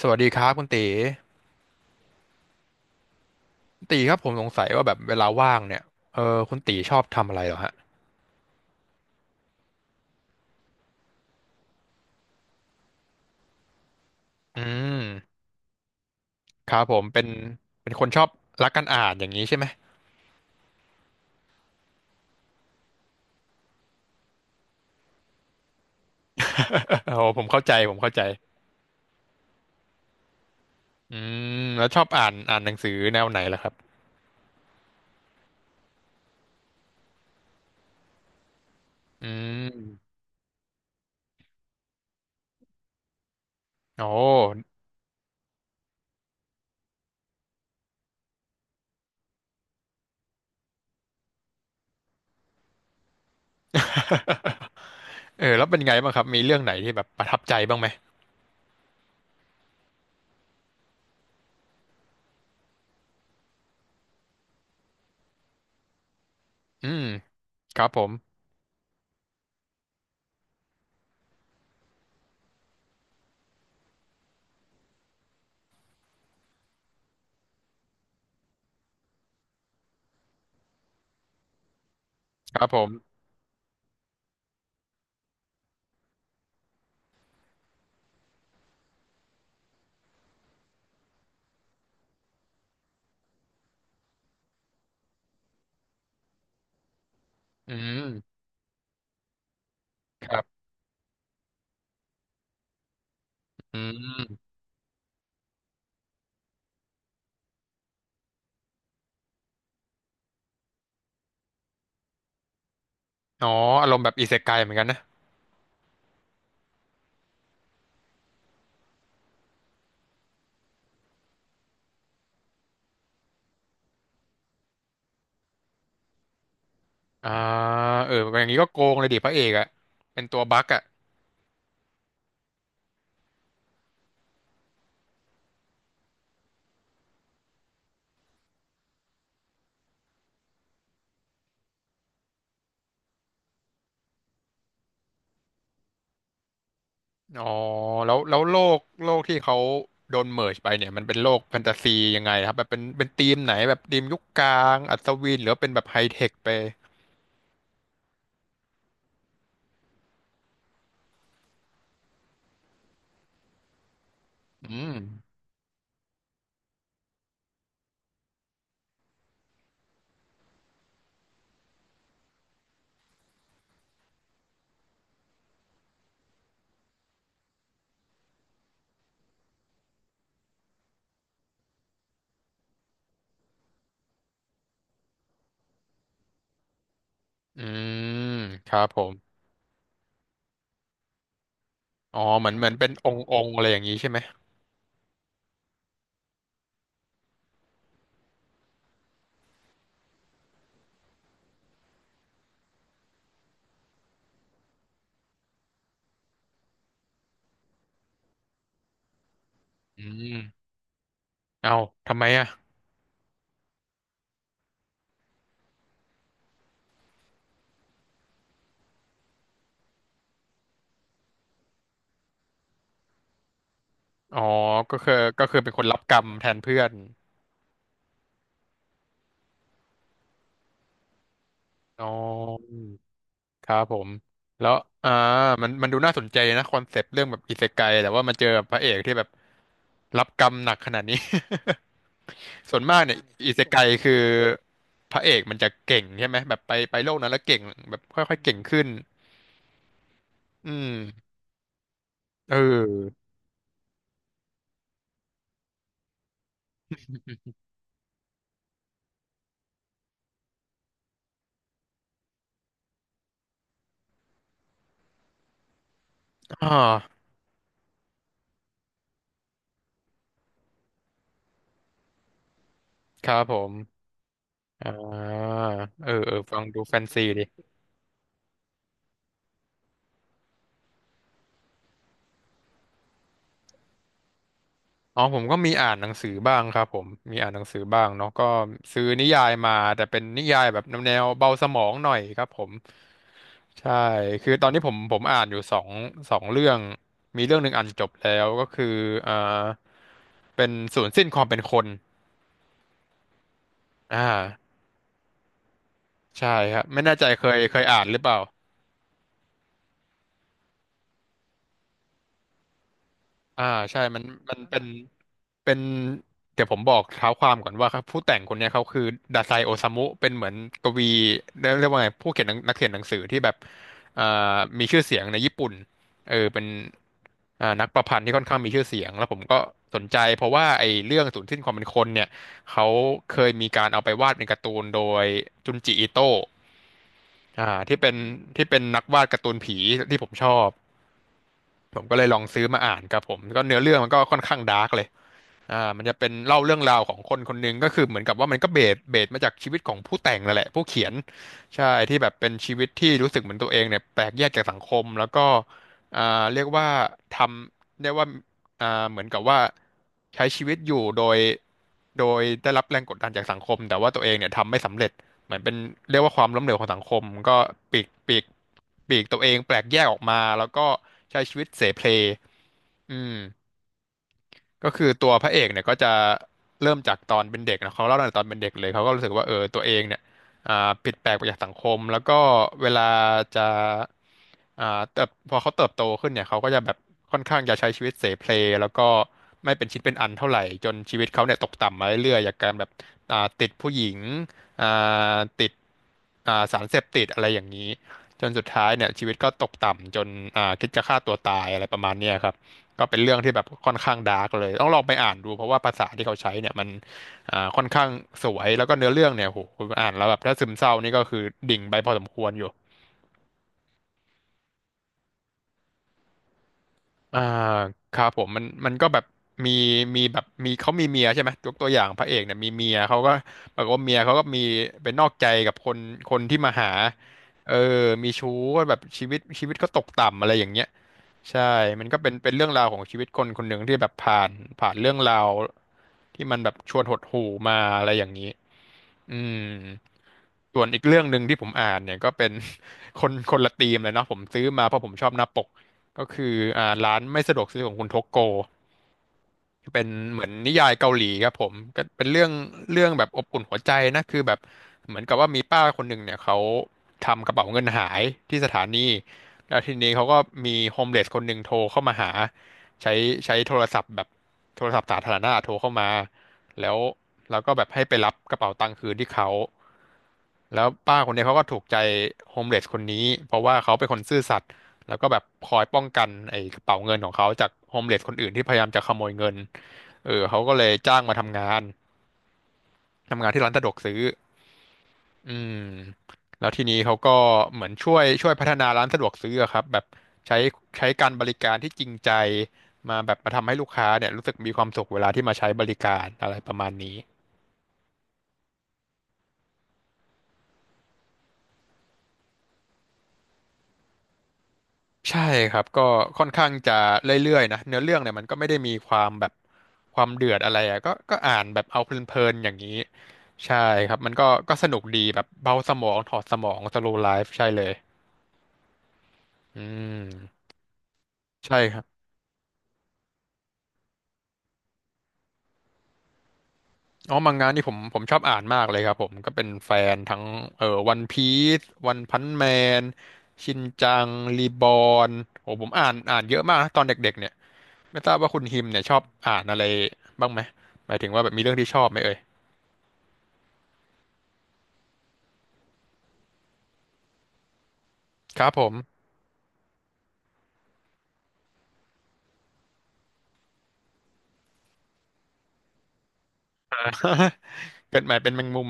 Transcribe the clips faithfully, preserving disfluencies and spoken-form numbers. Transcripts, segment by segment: สวัสดีครับคุณตีตีครับผมสงสัยว่าแบบเวลาว่างเนี่ยเออคุณตีชอบทำอะไรเหรอฮะอืมครับผมเป็น เป็นคนชอบรักการอ่านอย่างนี้ใช่ไหม โอ้ผมเข้าใจผมเข้าใจอืมแล้วชอบอ่านอ่านหนังสือแนวไหนล่ะครับอืมโอ้ เออแล้วเป็นไงบ้างครับมีเรื่องไหนที่แบบประทับใจบ้างไหมอืมครับผมครับผมอืมครับอืมอ๋ออารมณ์แบบอิเซไกเหมือนกันนะอ่าเอออย่างนี้ก็โกงเลยดิพระเอกอะเป็นตัวบั๊กอะ อ๋อแล้วแล้วโลกโลกที่เขาโดนเมิร์จไปเนี่ยมันเป็นโลกแฟนตาซียังไงครับแบบเป็นเป็นธีมไหนแบบธีมยุคกลางอัศวินหรือว่าเป็นแบบไฮเทคไปอืมอืมครับผมอ๋อเหมือนเหมือนเป็นองค์องค์อะไรอย่างนี้ใช่ไหมอืมเอ้าทำไมอ่ะอ๋อก็คือก็คือเป็นคนรับกรรมแทนเพื่อนอ๋อครับผมแล้วอ่ามันมันดูน่าสนใจนะคอนเซปต์เรื่องแบบอิเซไกแต่ว่ามาเจอพระเอกที่แบบรับกรรมหนักขนาดนี้ ส่วนมากเนี่ยอิเซไกคือพระเอกมันจะเก่งใช่ไหมแบบไปไปโลกนั้นแล้วเก่งแบบค่อยๆเก่งขึ้นอืมเอออ่าครับผมอ่าเออเออฟังดูแฟนซีดิอ๋อผมก็มีอ่านหนังสือบ้างครับผมมีอ่านหนังสือบ้างเนาะก็ซื้อนิยายมาแต่เป็นนิยายแบบแนวเบาสมองหน่อยครับผมใช่คือตอนนี้ผมผมอ่านอยู่สองสองเรื่องมีเรื่องหนึ่งอ่านจบแล้วก็คืออ่าเป็นศูนย์สิ้นความเป็นคน อ่าใช่ครับไม่แน่ใจเคยเคยอ่านหรือเปล่าอ่าใช่มันมันเป็นเป็นเดี๋ยวผมบอกเท้าความก่อนว่าครับผู้แต่งคนเนี้ยเขาคือดาไซโอซามุเป็นเหมือนกวีเรียกเรียกว่าไงผู้เขียนหนังนักเขียนหนังสือที่แบบอ่ามีชื่อเสียงในญี่ปุ่นเออเป็นอ่านักประพันธ์ที่ค่อนข้างมีชื่อเสียงแล้วผมก็สนใจเพราะว่าไอ้เรื่องสูญสิ้นความเป็นคนเนี่ยเขาเคยมีการเอาไปวาดเป็นการ์ตูนโดยจุนจิอิโตะอ่าที่เป็นที่เป็นนักวาดการ์ตูนผีที่ผมชอบ ผมก็เลยลองซื้อมาอ่านครับผมก็เนื้อเรื่องมันก็ค่อนข้างดาร์กเลย อ่ามันจะเป็นเล่าเรื่องราวของคนคนหนึงก็คือเหมือนกับว่ามันก็เบสเบสมาจากชีวิตของผู้แต่งนั่นแหละผู้เขียนใช่ที่แบบเป็นชีวิตที่รู้สึกเหมือนตัวเองเนี่ยแปลกแยกจากสังคมแล้วก็อ่าเรียกว่าทำเรียกว่าอ่าเหมือนกับว่าใช้ชีวิตอยู่โดยโดยได้รับแรงกดดันจากสังคมแต่ว่าตัวเองเนี่ยทำไม่สำเร็จเหมือนเป็นเรียกว่าความล้มเหลวของสังคมก็ปีกปีกปีกตัวเองแปลกแยกออกมาแล้วก็ใช้ชีวิตเสเพลอืม ก็คือตัวพระเอกเนี่ยก็จะเริ่มจากตอนเป็นเด็กนะเขาเล่าตั้งแต่ตอนเป็นเด็กเลยเขาก็รู้สึกว่าเออตัวเองเนี่ยอ่าผิดแปลกไปจากสังคมแล้วก็เวลาจะอ่าเติบพอเขาเติบโตขึ้นเนี่ยเขาก็จะแบบค่อนข้างจะใช้ชีวิตเสเพลแล้วก็ไม่เป็นชิ้นเป็นอันเท่าไหร่จนชีวิตเขาเนี่ยตกต่ำมาเรื่อยๆจากการแบบอ่าติดผู้หญิงอ่าติดอ่าสารเสพติดอะไรอย่างนี้จนสุดท้ายเนี่ยชีวิตก็ตกต่ำจนอ่าคิดจะฆ่าตัวตายอะไรประมาณเนี้ยครับ ก็เป็นเรื่องที่แบบค่อนข้างดาร์กเลยต้องลองไปอ่านดูเพราะว่าภาษาที่เขาใช้เนี่ยมันอ่าค่อนข้างสวยแล้วก็เนื้อเรื่องเนี่ยโหคุณอ่านแล้วแบบถ้าซึมเศร้านี่ก็คือดิ่งไปพอสมควรอยู่ อ่าครับผมมันมันก็แบบมีมีแบบมีเขามีเมียใช่ไหมยกตัวอย่างพระเอกเนี่ยมีเมียเขาก็ปรากฏว่าเมียเขาก็มีเป็นนอกใจกับคนคนที่มาหาเออมีชู้ก็แบบชีวิตชีวิตก็ตกต่ำอะไรอย่างเงี้ยใช่มันก็เป็นเป็นเรื่องราวของชีวิตคนคนหนึ่งที่แบบผ่านผ่านเรื่องราวที่มันแบบชวนหดหู่มาอะไรอย่างนี้ อืมส่วนอีกเรื่องหนึ่งที่ผมอ่านเนี่ยก็เป็น คนคนละธีมเลยเนาะผมซื้อมาเพราะผมชอบหน้าปกก็คืออ่าร้านไม่สะดวกซื้อของคุณทกโก เป็นเหมือนนิยายเกาหลีครับผมก็เป็นเรื่องเรื่องแบบอบอุ่นหัวใจนะคือแบบเหมือนกับว่ามีป้าคนหนึ่งเนี่ยเขาทำกระเป๋าเงินหายที่สถานีแล้วทีนี้เขาก็มีโฮมเลสคนหนึ่งโทรเข้ามาหาใช้ใช้โทรศัพท์แบบโทรศัพท์สาธารณะโทรเข้ามาแล้วเราก็แบบให้ไปรับกระเป๋าตังค์คืนที่เขาแล้วป้าคนนี้เขาก็ถูกใจโฮมเลสคนนี้เพราะว่าเขาเป็นคนซื่อสัตย์ แล้วก็แบบคอยป้องกันไอ้กระเป๋าเงินของเขาจากโฮมเลสคนอื่นที่พยายามจะขโมยเงินเออเขาก็เลยจ้างมาทำงานทำงานที่ร้านสะดวกซื้ออืมแล้วทีนี้เขาก็เหมือนช่วยช่วยพัฒนาร้านสะดวกซื้ออะครับแบบใช้ใช้การบริการที่จริงใจมาแบบมาทำให้ลูกค้าเนี่ยรู้สึกมีความสุขเวลาที่มาใช้บริการอะไรประมาณนี้ ใช่ครับก็ค่อนข้างจะเรื่อยๆนะเนื้อเรื่องเนี่ยมันก็ไม่ได้มีความแบบความเดือดอะไรอ่ะก็ก็อ่านแบบเอาเพลินๆอย่างนี้ใช่ครับมันก็ก็สนุกดีแบบเบาสมองถอดสมองสโลว์ไลฟ์ใช่เลยอืมใช่ครับอ๋อมังงะนี่ผมผมชอบอ่านมากเลยครับผมก็เป็นแฟนทั้งเอ่อวันพีซวันพันแมนชินจังรีบอนโอ้ผมอ่านอ่านเยอะมากนะตอนเด็กๆเนี่ยไม่ทราบว่าคุณฮิมเนี่ยชอบอ่านอะไรบ้างไหมหมายถึงว่าแบบมีเรื่องที่ชอบไหมเอ่ย ครับผม เกิดใหม่เป็นแมงมุม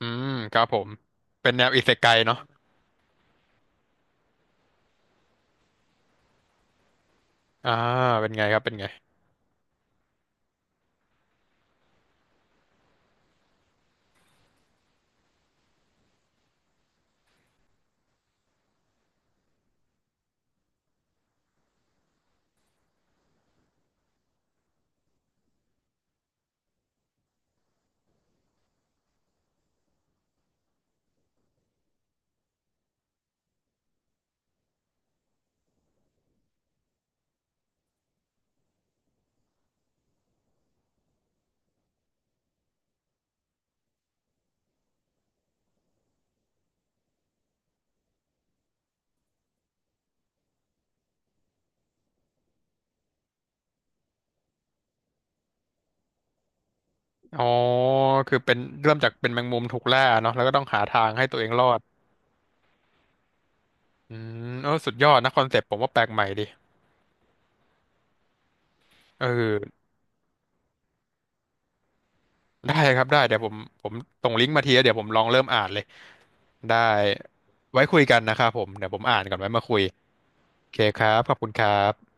อืมครับผมเป็นแนวอิเซไกเนาะอ่าเป็นไงครับเป็นไงอ๋อคือเป็นเริ่มจากเป็นแมงมุมถูกล่าเนาะแล้วก็ต้องหาทางให้ตัวเองรอดอืมเออสุดยอดนะคอนเซปต์ผมว่าแปลกใหม่ดีเออได้ครับได้เดี๋ยวผมผมส่งลิงก์มาทีแล้วเดี๋ยวผมลองเริ่มอ่านเลยได้ไว้คุยกันนะครับผมเดี๋ยวผมอ่านก่อนไว้มาคุยโอเคครับขอบคุณครับ